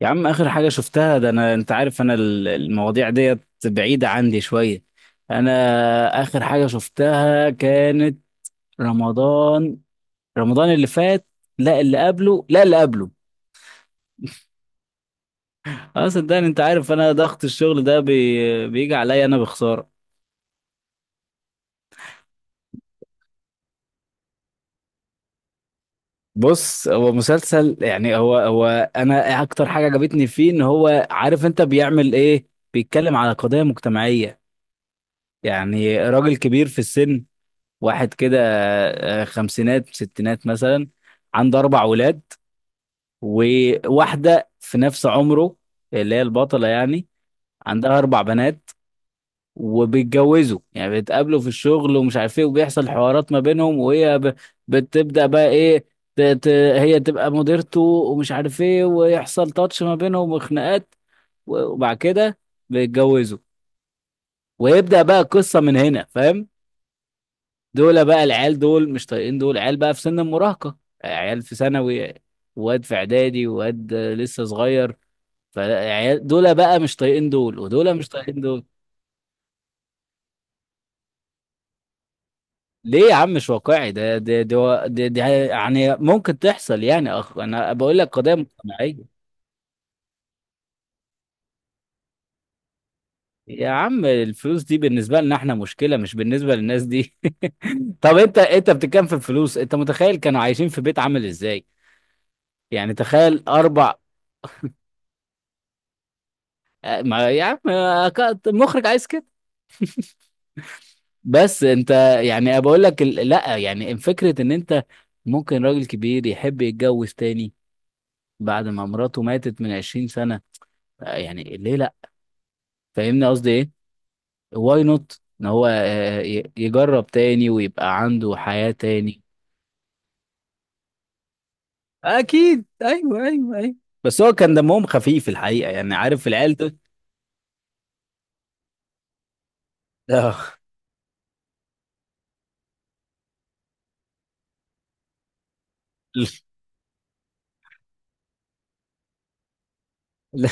يا عم اخر حاجه شفتها، ده انا انت عارف انا المواضيع ديت بعيده عندي شويه. انا اخر حاجه شفتها كانت رمضان. رمضان اللي فات. لا اللي قبله، لا اللي قبله. اه صدقني، انت عارف انا ضغط الشغل ده بيجي عليا، انا بخساره. بص، هو مسلسل، يعني هو انا اكتر حاجه عجبتني فيه ان هو عارف انت بيعمل ايه. بيتكلم على قضايا مجتمعيه. يعني راجل كبير في السن، واحد كده، خمسينات ستينات مثلا. عنده اربع ولاد، وواحده في نفس عمره، اللي هي البطله يعني، عندها اربع بنات. وبيتجوزوا، يعني بيتقابلوا في الشغل ومش عارف ايه، وبيحصل حوارات ما بينهم، بتبدا بقى ايه، ت... ت... هي تبقى مديرته ومش عارف ايه، ويحصل تاتش ما بينهم وخناقات. وبعد كده بيتجوزوا، ويبدا بقى القصه من هنا، فاهم. دول بقى العيال دول مش طايقين دول، عيال بقى في سن المراهقة، عيال في ثانوي، واد في اعدادي، واد لسه صغير. فعيال دول بقى مش طايقين دول، ودول مش طايقين دول. ليه يا عم مش واقعي؟ ده يعني ممكن تحصل، يعني انا بقول لك قضية مجتمعية. يا عم، الفلوس دي بالنسبة لنا احنا مشكلة، مش بالنسبة للناس دي. طب انت، بتتكلم في الفلوس، انت متخيل كانوا عايشين في بيت عامل ازاي؟ يعني تخيل اربع. ما يا عم مخرج عايز كده. بس انت، يعني بقول لك لا، يعني فكرة ان انت ممكن راجل كبير يحب يتجوز تاني بعد ما مراته ماتت من 20 سنة. يعني ليه لا؟ فاهمني قصدي ايه. واي نوت ان هو، يجرب تاني ويبقى عنده حياة تاني. اكيد، ايوه ايوه ايوه. بس هو كان دمهم خفيف الحقيقة، يعني عارف العيال دول. آه. لا.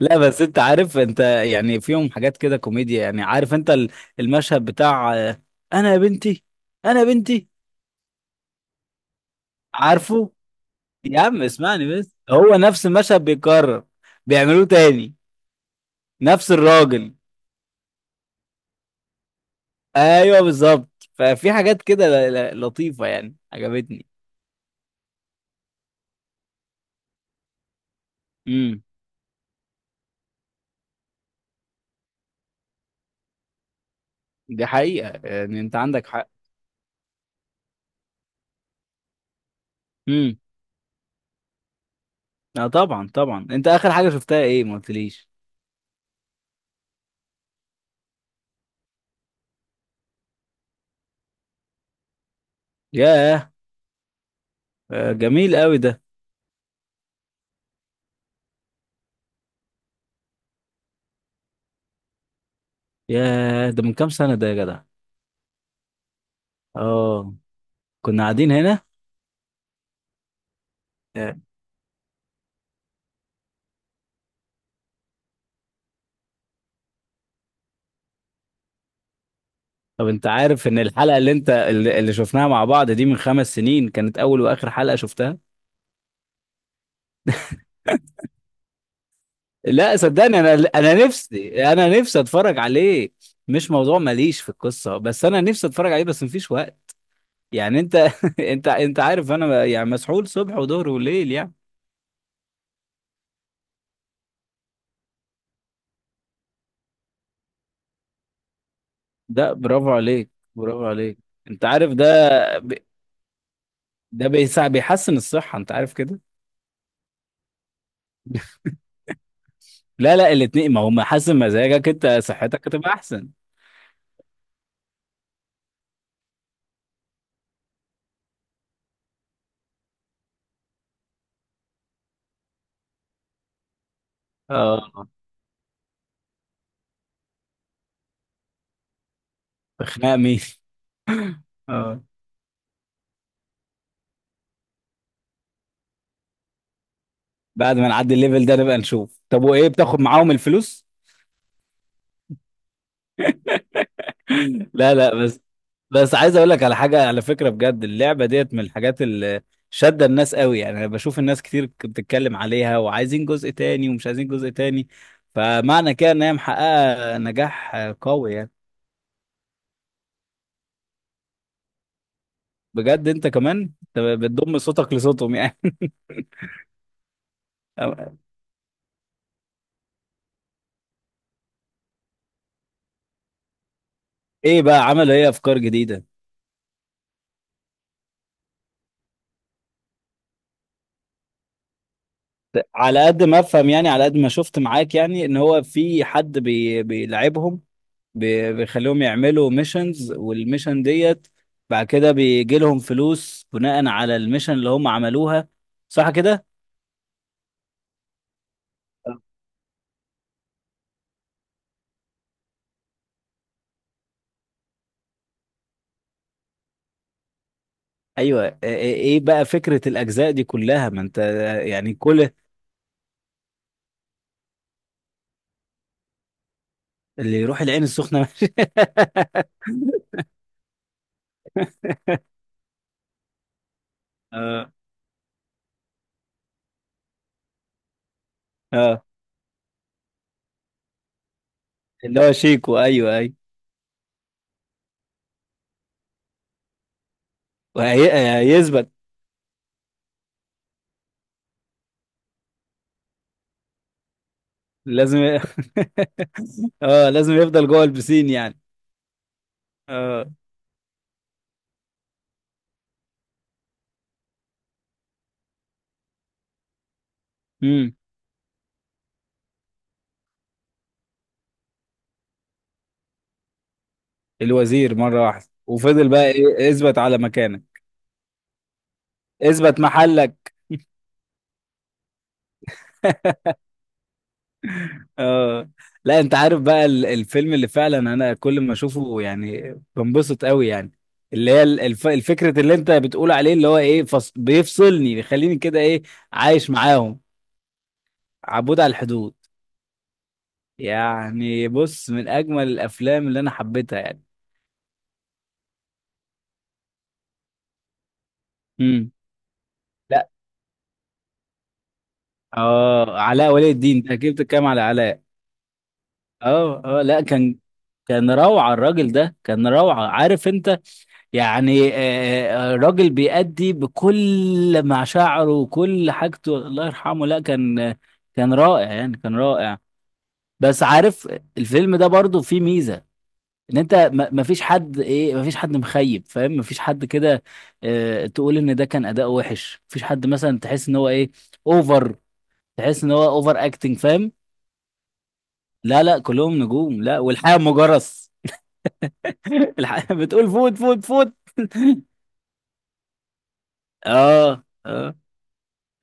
لا، بس انت عارف انت يعني فيهم حاجات كده كوميديا، يعني عارف انت المشهد بتاع، انا يا بنتي، انا يا بنتي. عارفه. يا عم اسمعني، بس هو نفس المشهد بيتكرر، بيعملوه تاني، نفس الراجل. ايوه بالظبط، ففي حاجات كده لطيفة، يعني عجبتني. امم. دي حقيقة، يعني انت عندك حق. امم. اه طبعا طبعا. انت اخر حاجة شفتها ايه؟ ما قلتليش. ياه، جميل قوي ده. ياه، ده من كام سنة ده يا جدع. اه، كنا قاعدين هنا. آه. طب انت عارف ان الحلقة اللي انت اللي اللي شفناها مع بعض دي من خمس سنين كانت اول واخر حلقة شفتها. لا صدقني، انا نفسي، انا نفسي اتفرج عليه. مش موضوع ماليش في القصه، بس انا نفسي اتفرج عليه، بس مفيش وقت. يعني انت، انت عارف انا يعني مسحول صبح وظهر وليل يعني. ده برافو عليك، برافو عليك، انت عارف ده. ب... ده بيحسن الصحه، انت عارف كده. لا لا، الاتنين، ما هو محسن مزاجك، انت صحتك هتبقى احسن. اه. خناق مين؟ اه. بعد ما نعدي الليفل ده نبقى نشوف، طب وايه بتاخد معاهم الفلوس؟ لا لا، بس، بس عايز اقول لك على حاجه، على فكره بجد، اللعبه ديت من الحاجات اللي شاده الناس قوي، يعني انا بشوف الناس كتير بتتكلم عليها، وعايزين جزء تاني ومش عايزين جزء تاني. فمعنى كده ان هي محققه نجاح، قوي يعني. بجد انت كمان، أنت بتضم صوتك لصوتهم يعني. ايه بقى، عملوا ايه افكار جديده؟ على قد ما افهم، يعني على قد ما شفت معاك، يعني ان هو في حد بيلعبهم، بيخليهم يعملوا ميشنز، والميشن ديت بعد كده بيجي لهم فلوس بناء على الميشن اللي هم عملوها، صح كده؟ ايوه. إيه إيه إيه بقى فكرة الاجزاء دي كلها؟ ما انت يعني كل اللي يروح العين السخنة ماشي. اه اه، اللي هو شيكو، ايوه ايوه. وهيثبت. لازم اه، لازم يفضل جوه البسين يعني. اه. امم. الوزير مرة واحدة وفضل بقى ايه، اثبت على مكانك، اثبت محلك. اه. لا انت عارف بقى الفيلم اللي فعلا انا كل ما اشوفه يعني بنبسط قوي يعني، اللي هي الفكرة اللي انت بتقول عليه، اللي هو ايه، بيفصلني، بيخليني كده ايه، عايش معاهم. عبود على الحدود، يعني بص من اجمل الافلام اللي انا حبيتها يعني. امم. لا. اه، علاء ولي الدين، انت اكيد بتتكلم على علاء. اه اه لا، كان، كان روعة الراجل ده، كان روعة، عارف انت؟ يعني راجل بيأدي بكل مشاعره وكل حاجته، الله يرحمه. لا كان، كان رائع يعني، كان رائع. بس عارف، الفيلم ده برضو فيه ميزة، ان انت ما فيش حد ايه، ما فيش حد مخيب، فاهم؟ ما فيش حد كده تقول ان ده كان اداء وحش. ما فيش حد مثلا تحس ان هو ايه، اوفر، تحس ان هو اوفر اكتنج، فاهم؟ لا لا، كلهم نجوم، لا والحياة مجرس. الحياة بتقول فوت فوت فوت. اه اه.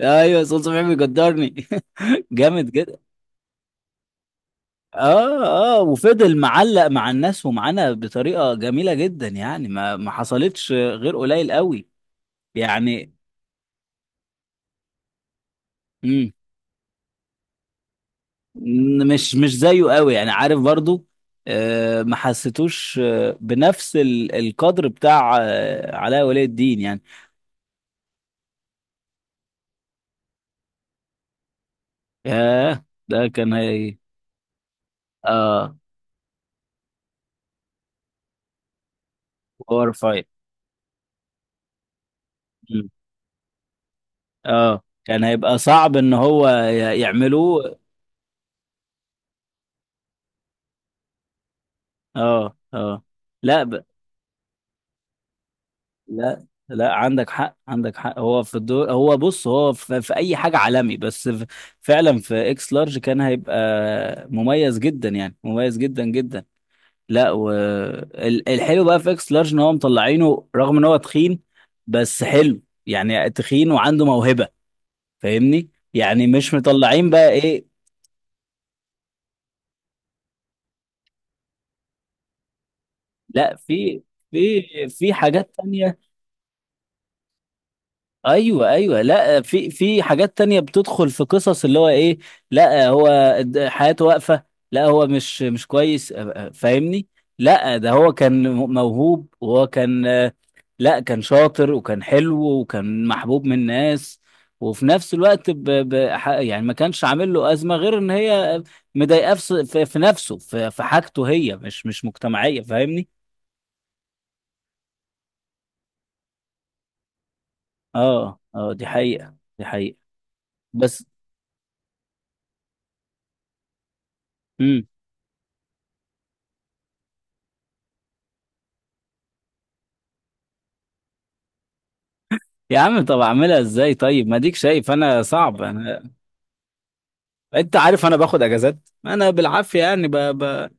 ايوه صوت صبحي بيقدرني. جامد جدا. اه اه، وفضل معلق مع الناس ومعانا بطريقه جميله جدا يعني، ما ما حصلتش غير قليل قوي يعني. مم. مش مش زيه قوي يعني، عارف برضو، آه ما حسيتوش آه بنفس القدر بتاع آه علاء ولي الدين يعني. ياه ده كان هي. اه، باور فايت. مم. اه كان هيبقى صعب ان هو يعملوه. اه اه. لا لا، لا عندك حق، عندك حق. هو في الدور، هو بص هو في اي حاجه عالمي، بس في فعلا في اكس لارج كان هيبقى مميز جدا، يعني مميز جدا جدا. لا والحلو بقى في اكس لارج ان هو مطلعينه رغم ان هو تخين، بس حلو يعني، تخين وعنده موهبه. فاهمني يعني، مش مطلعين بقى ايه، لا في في، في حاجات تانية. ايوه ايوه، لا في، في حاجات تانية بتدخل في قصص اللي هو ايه. لا هو، حياته واقفة. لا هو مش مش كويس، فاهمني. لا ده هو كان موهوب، وهو كان لا كان شاطر وكان حلو وكان محبوب من الناس. وفي نفس الوقت يعني ما كانش عامل له أزمة غير ان هي مضايقاه في في نفسه، في حاجته هي مش مش مجتمعية، فاهمني. اه اه، دي حقيقة، دي حقيقة. بس. يا عم طب اعملها ازاي طيب، ما ديك شايف انا صعب. انا انت عارف انا باخد اجازات، انا بالعافيه يعني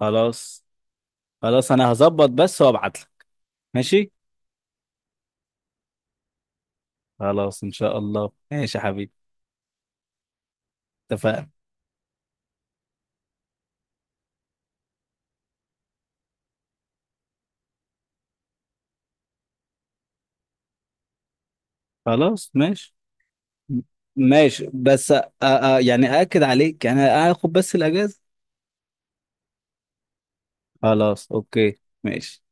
خلاص، خلاص انا هظبط بس وابعت لك. ماشي، خلاص ان شاء الله، ماشي يا حبيبي. اتفقنا. خلاص ماشي. م- ماشي بس يعني اكد عليك، يعني اخد بس الاجازه. خلاص اوكي. ماشي.